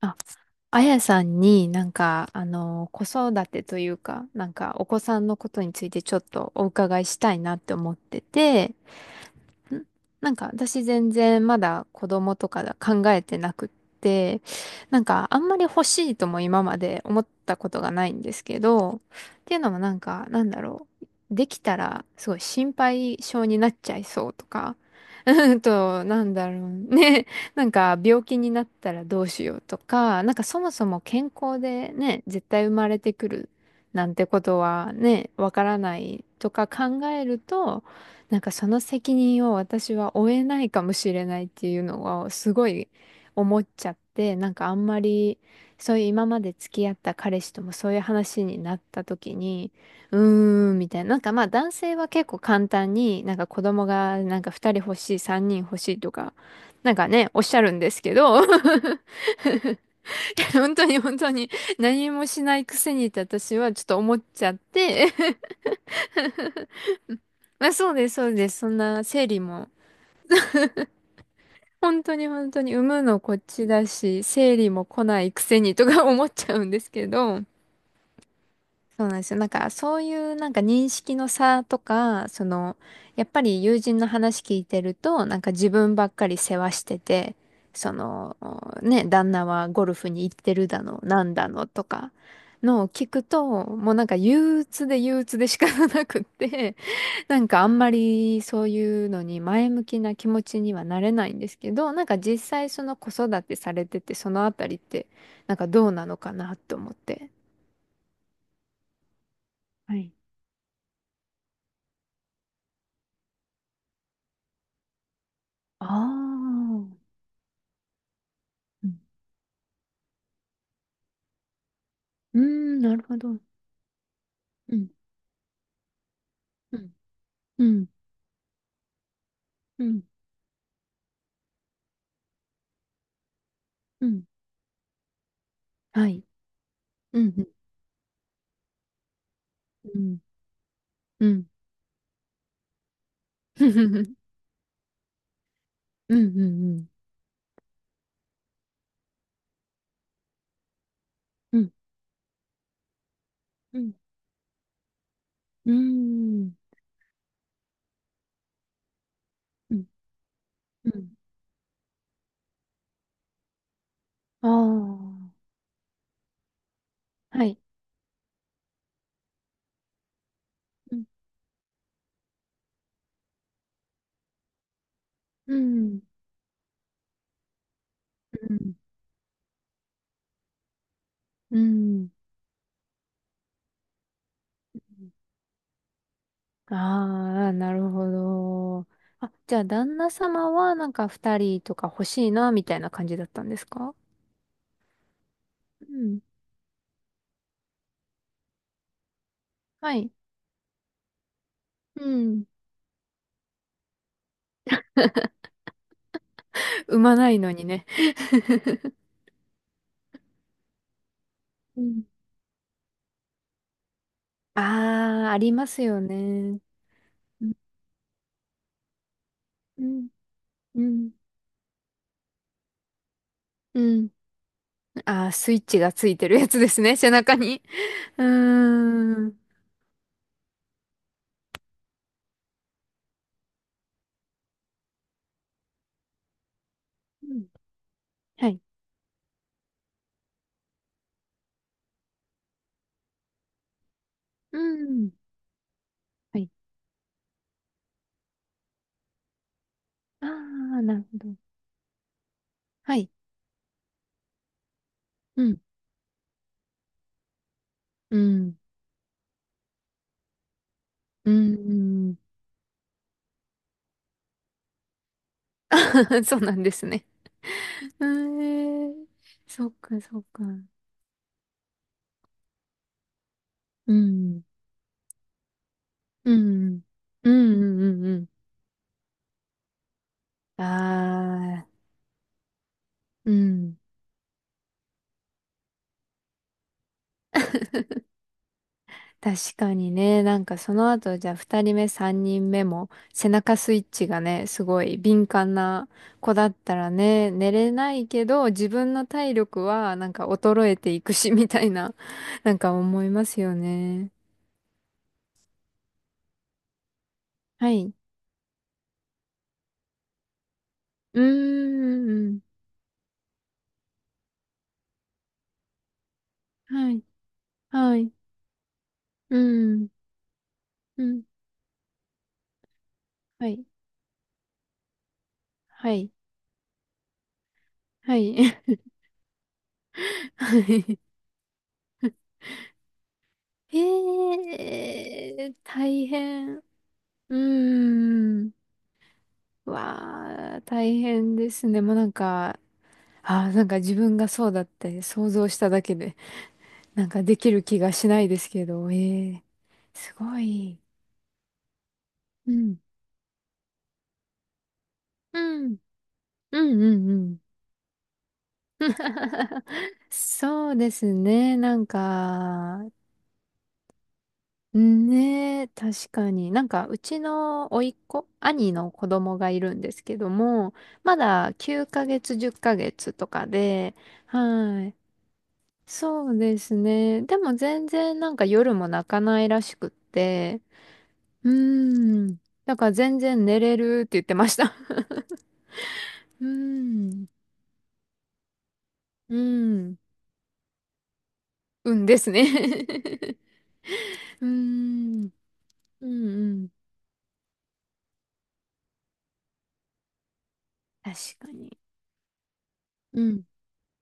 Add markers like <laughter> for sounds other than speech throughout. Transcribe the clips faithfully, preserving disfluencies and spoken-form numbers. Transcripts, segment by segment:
あ、あやさんになんか、あの、子育てというか、なんかお子さんのことについてちょっとお伺いしたいなって思ってて、んなんか私全然まだ子供とか考えてなくって、なんかあんまり欲しいとも今まで思ったことがないんですけど、っていうのもなんかなんだろう、できたらすごい心配性になっちゃいそうとか、<laughs> うんと、なんだろうね、なんか病気になったらどうしようとか、なんかそもそも健康でね、絶対生まれてくるなんてことはね、わからないとか考えると、なんかその責任を私は負えないかもしれないっていうのをすごい思っちゃって、なんかあんまりそういう今まで付き合った彼氏ともそういう話になった時に、うーんみたいな、なんかまあ男性は結構簡単になんか子供がなんかふたり欲しい、さんにん欲しいとか、なんかね、おっしゃるんですけど、<laughs> 本当に本当に何もしないくせにって私はちょっと思っちゃって、<laughs> まあそうです、そうです。そんな整理も本当に本当に産むのこっちだし、生理も来ないくせにとか <laughs> 思っちゃうんですけど、そうなんですよ。なんかそういうなんか認識の差とか、その、やっぱり友人の話聞いてると、なんか自分ばっかり世話してて、その、ね、旦那はゴルフに行ってるだの、なんだのとかのを聞くと、もうなんか憂鬱で憂鬱で仕方なくって、なんかあんまりそういうのに前向きな気持ちにはなれないんですけど、なんか実際その子育てされててそのあたりってなんかどうなのかなと思って。はい。ああ、うんうーん、なるほど。うん、うん、うん、うん、うん、はい。うん、うん、うん、うん、<laughs> うん、うん、うん、うん、うん、うん、うん、うん、ああー、はい。うん、うん、うん、うん。ああ、なるほど。あ、じゃあ旦那様はなんか二人とか欲しいな、みたいな感じだったんですか？うん。はい。うん。<laughs> 産まないのにね。うん。ああ、ありますよね。うん。うん。うん。うんああー、スイッチがついてるやつですね、背中に。うーん。うんはい。うん。はい。ああ、なるほど。はい。うん。うん。うん。<laughs> そうなんですね。えー、そっかそっか。うん。うん。うんうんうんうん。ああ、うん。確かにね、なんかその後、じゃあふたりめ、さんにんめも背中スイッチがね、すごい敏感な子だったらね、寝れないけど、自分の体力はなんか衰えていくし、みたいな、<laughs> なんか思いますよね。はい。うーん。はい。はい。うん。うん。はい。はい。はい。<laughs> ええ大変。うーん。わあ、大変ですね。もうなんか、ああ、なんか自分がそうだって想像しただけで、なんかできる気がしないですけど、ええすごい。うん。うん。うんうんうん。そうですね。なんか、うんねえ、確かに。なんか、うちの甥っ子、兄の子供がいるんですけども、まだきゅうかげつ、じゅっかげつとかで、はい。そうですね。でも全然なんか夜も泣かないらしくって、うーん。だから全然寝れるって言ってました。<laughs> うーん。うん。うんですね。<laughs> うーん。うんうん。確かに。うん。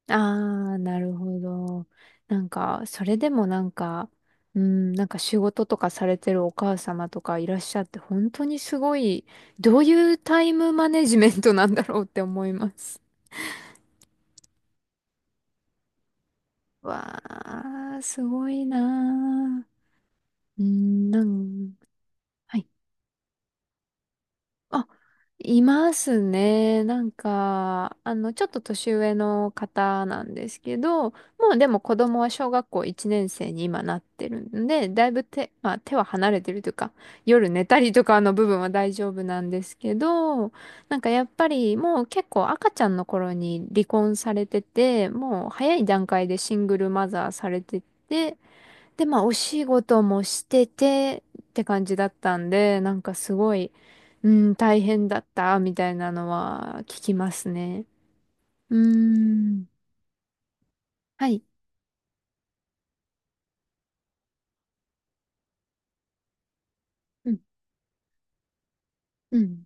ああ、なるほど。なんか、それでもなんか、うん、なんか仕事とかされてるお母様とかいらっしゃって、本当にすごい、どういうタイムマネジメントなんだろうって思います。わあ、すごいなー。うん、なん、はいあ、いますね。なんか、あの、ちょっと年上の方なんですけど、もうでも子供は小学校いちねん生に今なってるんで、だいぶ手、まあ手は離れてるというか、夜寝たりとかの部分は大丈夫なんですけど、なんかやっぱりもう結構赤ちゃんの頃に離婚されてて、もう早い段階でシングルマザーされてて、で、まあ、お仕事もしててって感じだったんで、なんかすごい、うん、大変だった、みたいなのは聞きますね。うーん。はい。うん、うん。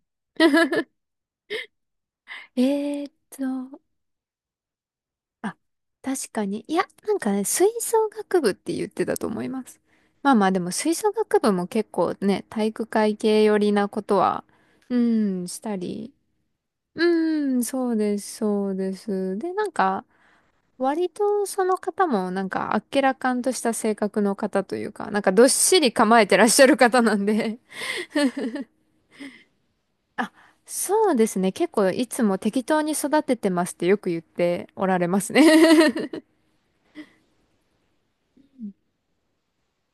えーっと、あ、確かに。いや、なんかね、吹奏楽部って言ってたと思います。まあまあ、でも吹奏楽部も結構ね、体育会系寄りなことは、うん、したり。うん、そうです、そうです。で、なんか、割とその方もなんかあっけらかんとした性格の方というか、なんかどっしり構えてらっしゃる方なんで。あ、そうですね。結構いつも適当に育ててますってよく言っておられますね。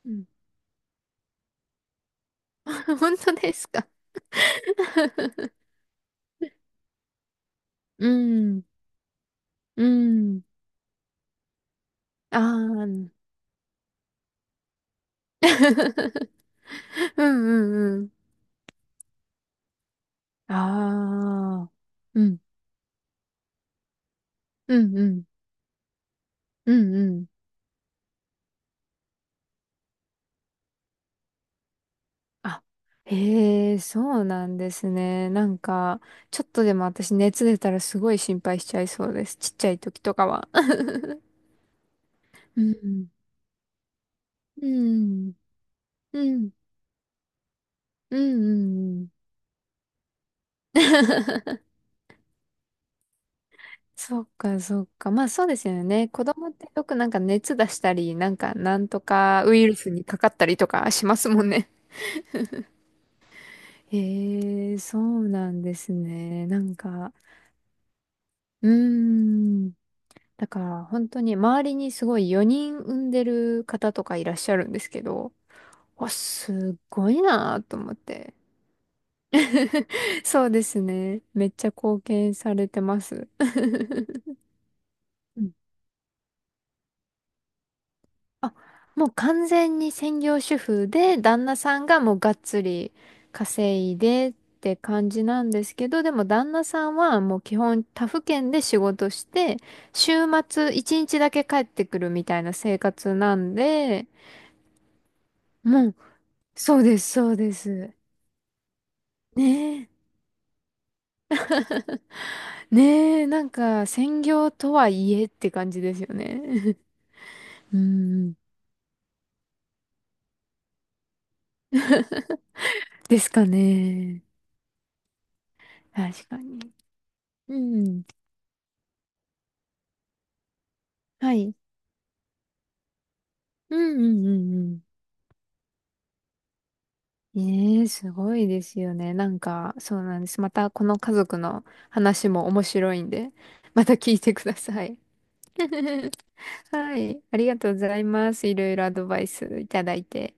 <laughs> うん <laughs> 本当ですか？ <laughs> うん、うん、ああ、<laughs> うんうんうん。ああ、うん、うんうん、うんうん。あへえ、そうなんですね。なんか、ちょっとでも私熱出たらすごい心配しちゃいそうです。ちっちゃい時とかは。<laughs> うん。<laughs> うん。うん。うん。うん。<laughs> そっか、そっか。まあそうですよね。子供ってよくなんか熱出したり、なんかなんとかウイルスにかかったりとかしますもんね。へえ、そうなんですね。なんか、うーん。だから本当に周りにすごいよにん産んでる方とかいらっしゃるんですけど、わ、すごいなぁと思って。<laughs> そうですね。めっちゃ貢献されてます。<laughs> うんあ、もう完全に専業主婦で、旦那さんがもうがっつり稼いでって感じなんですけど、でも旦那さんはもう基本他府県で仕事して、週末いちにちだけ帰ってくるみたいな生活なんで、もう、そうです、そうです。ねえ、ねえ、なんか、専業とはいえって感じですよね。<laughs> うん、ですかね。確かに。うん、はい。うんうんうんうん。ええ、すごいですよね。なんか、そうなんです。また、この家族の話も面白いんで、また聞いてください。<laughs> はい。ありがとうございます。いろいろアドバイスいただいて。